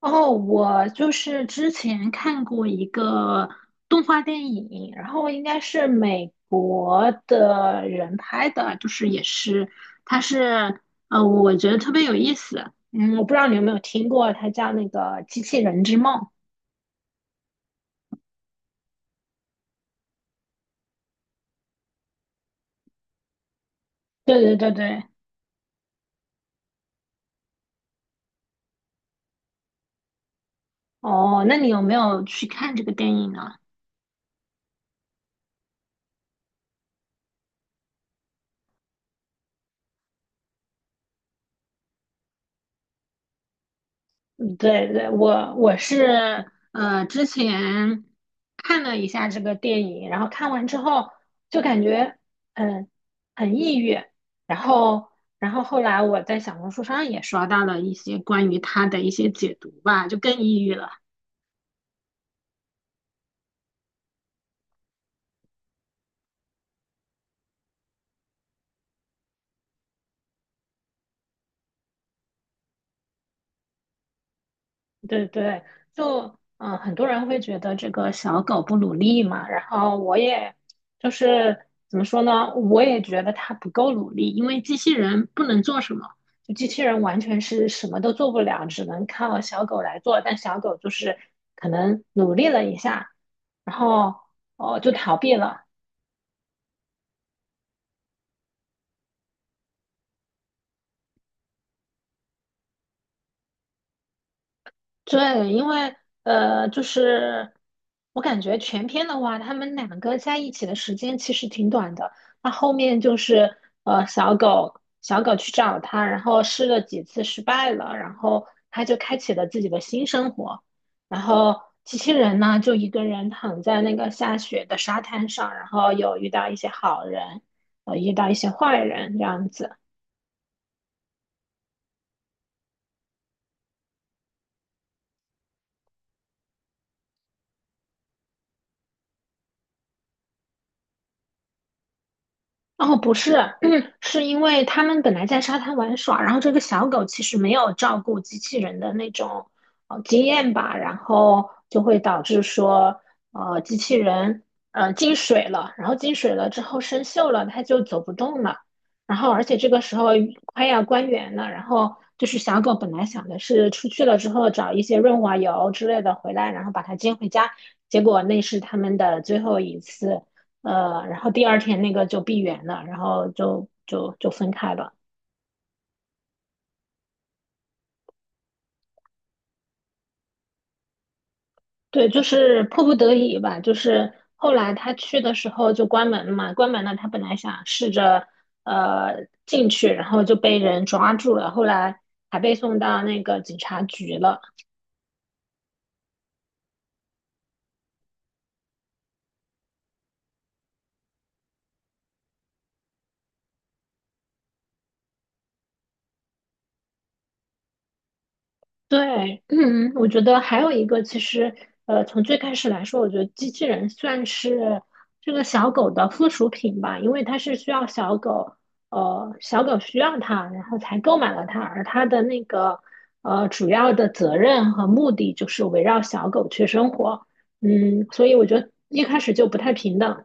哦，我就是之前看过一个动画电影，然后应该是美国的人拍的，就是也是，它是我觉得特别有意思。嗯，我不知道你有没有听过，它叫那个《机器人之梦》。对对对对，哦，那你有没有去看这个电影呢？嗯对对，我是之前看了一下这个电影，然后看完之后就感觉嗯很抑郁，然后然后后来我在小红书上也刷到了一些关于他的一些解读吧，就更抑郁了。对对，就很多人会觉得这个小狗不努力嘛，然后我也就是怎么说呢，我也觉得它不够努力，因为机器人不能做什么，就机器人完全是什么都做不了，只能靠小狗来做，但小狗就是可能努力了一下，然后哦就逃避了，对，因为就是我感觉全篇的话，他们两个在一起的时间其实挺短的。那后面就是小狗去找他，然后试了几次失败了，然后他就开启了自己的新生活。然后机器人呢，就一个人躺在那个下雪的沙滩上，然后有遇到一些好人，遇到一些坏人这样子。哦，不是，是因为他们本来在沙滩玩耍，然后这个小狗其实没有照顾机器人的那种经验吧，然后就会导致说，机器人进水了，然后进水了之后生锈了，它就走不动了，然后而且这个时候快要关园了，然后就是小狗本来想的是出去了之后找一些润滑油之类的回来，然后把它接回家，结果那是他们的最后一次。然后第二天那个就闭园了，然后就分开了。对，就是迫不得已吧。就是后来他去的时候就关门嘛，关门了。他本来想试着进去，然后就被人抓住了，后来还被送到那个警察局了。对，我觉得还有一个，其实，从最开始来说，我觉得机器人算是这个小狗的附属品吧，因为它是需要小狗，小狗需要它，然后才购买了它，而它的那个，主要的责任和目的就是围绕小狗去生活，所以我觉得一开始就不太平等。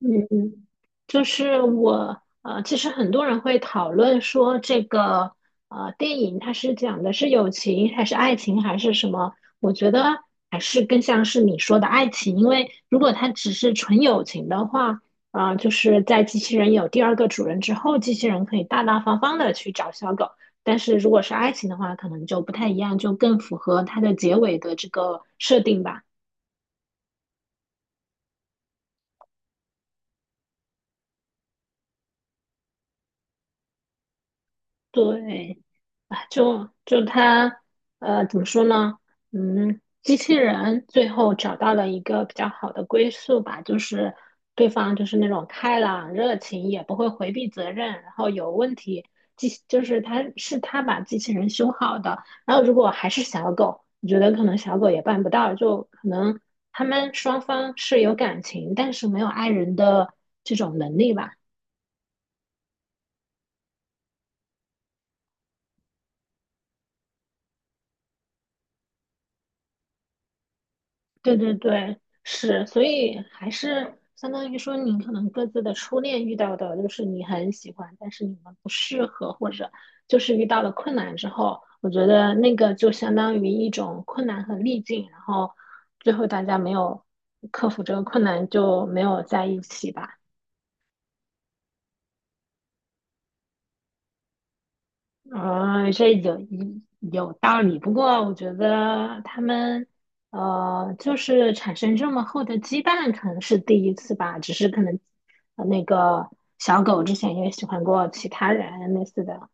嗯，嗯，就是其实很多人会讨论说这个电影它是讲的是友情还是爱情还是什么？我觉得还是更像是你说的爱情，因为如果它只是纯友情的话，就是在机器人有第二个主人之后，机器人可以大大方方的去找小狗，但是如果是爱情的话，可能就不太一样，就更符合它的结尾的这个设定吧。对，啊，就就他，呃，怎么说呢？机器人最后找到了一个比较好的归宿吧，就是对方就是那种开朗、热情，也不会回避责任，然后有问题，就是他是他把机器人修好的。然后如果还是小狗，我觉得可能小狗也办不到，就可能他们双方是有感情，但是没有爱人的这种能力吧。对对对，是，所以还是相当于说，你可能各自的初恋遇到的，就是你很喜欢，但是你们不适合，或者就是遇到了困难之后，我觉得那个就相当于一种困难和逆境，然后最后大家没有克服这个困难，就没有在一起吧。啊，这有一有道理。不过我觉得他们就是产生这么厚的羁绊，可能是第一次吧。只是可能那个小狗之前也喜欢过其他人类似的。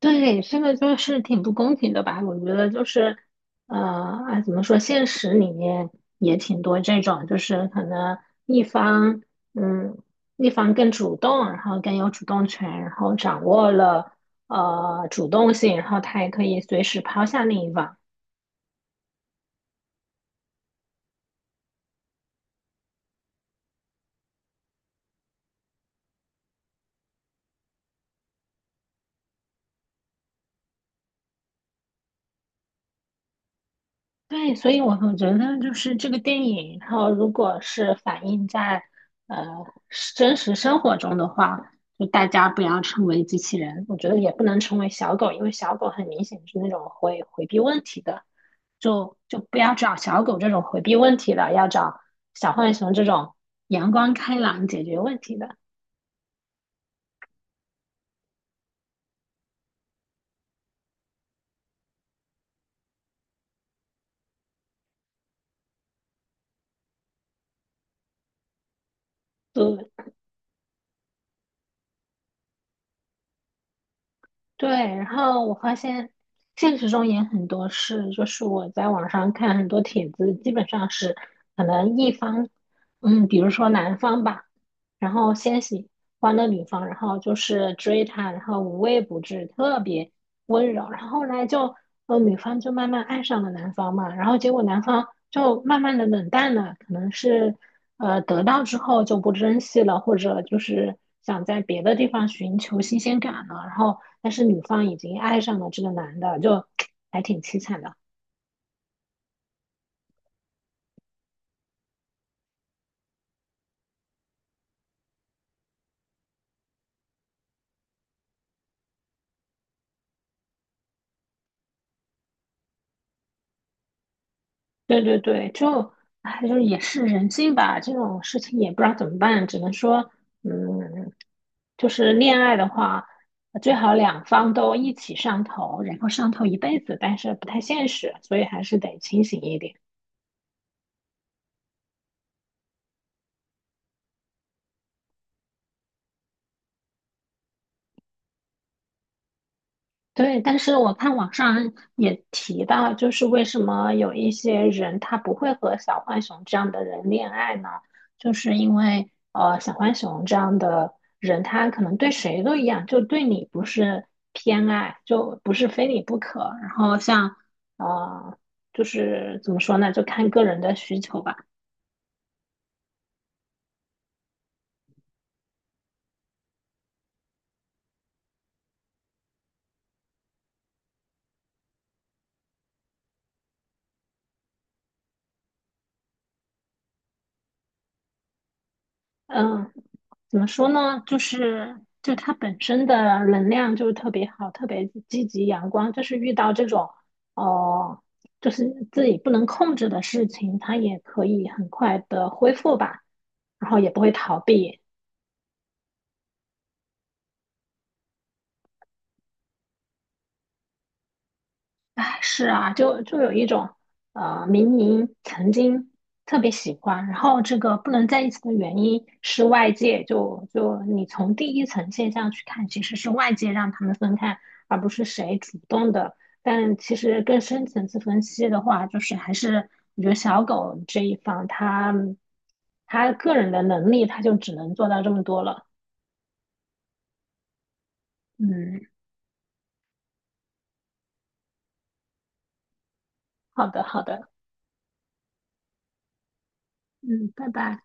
对，这个就是挺不公平的吧？我觉得就是，怎么说，现实里面也挺多这种，就是可能一方，嗯，一方更主动，然后更有主动权，然后掌握了主动性，然后他也可以随时抛下另一方。对，所以我会觉得就是这个电影，然后如果是反映在呃是真实生活中的话，就大家不要成为机器人，我觉得也不能成为小狗，因为小狗很明显是那种会回避问题的，就不要找小狗这种回避问题的，要找小浣熊这种阳光开朗解决问题的。对，对，然后我发现现实中也很多事，就是我在网上看很多帖子，基本上是可能一方，比如说男方吧，然后先喜欢了女方，然后就是追她，然后无微不至，特别温柔，然后后来就，女方就慢慢爱上了男方嘛，然后结果男方就慢慢的冷淡了，可能是。得到之后就不珍惜了，或者就是想在别的地方寻求新鲜感了。然后，但是女方已经爱上了这个男的，就还挺凄惨的。对对对，就哎，就是也是人性吧，这种事情也不知道怎么办，只能说，嗯，就是恋爱的话，最好两方都一起上头，然后上头一辈子，但是不太现实，所以还是得清醒一点。对，但是我看网上也提到，就是为什么有一些人他不会和小浣熊这样的人恋爱呢？就是因为小浣熊这样的人，他可能对谁都一样，就对你不是偏爱，就不是非你不可。然后像呃，就是怎么说呢，就看个人的需求吧。嗯。怎么说呢？就是就它本身的能量就特别好，特别积极阳光。就是遇到这种哦、呃就是自己不能控制的事情，它也可以很快的恢复吧，然后也不会逃避。是啊，就有一种，明明曾经特别喜欢，然后这个不能在一起的原因是外界，就你从第一层现象去看，其实是外界让他们分开，而不是谁主动的。但其实更深层次分析的话，就是还是我觉得小狗这一方，他个人的能力，他就只能做到这么多了。嗯，好的，好的，嗯，拜拜。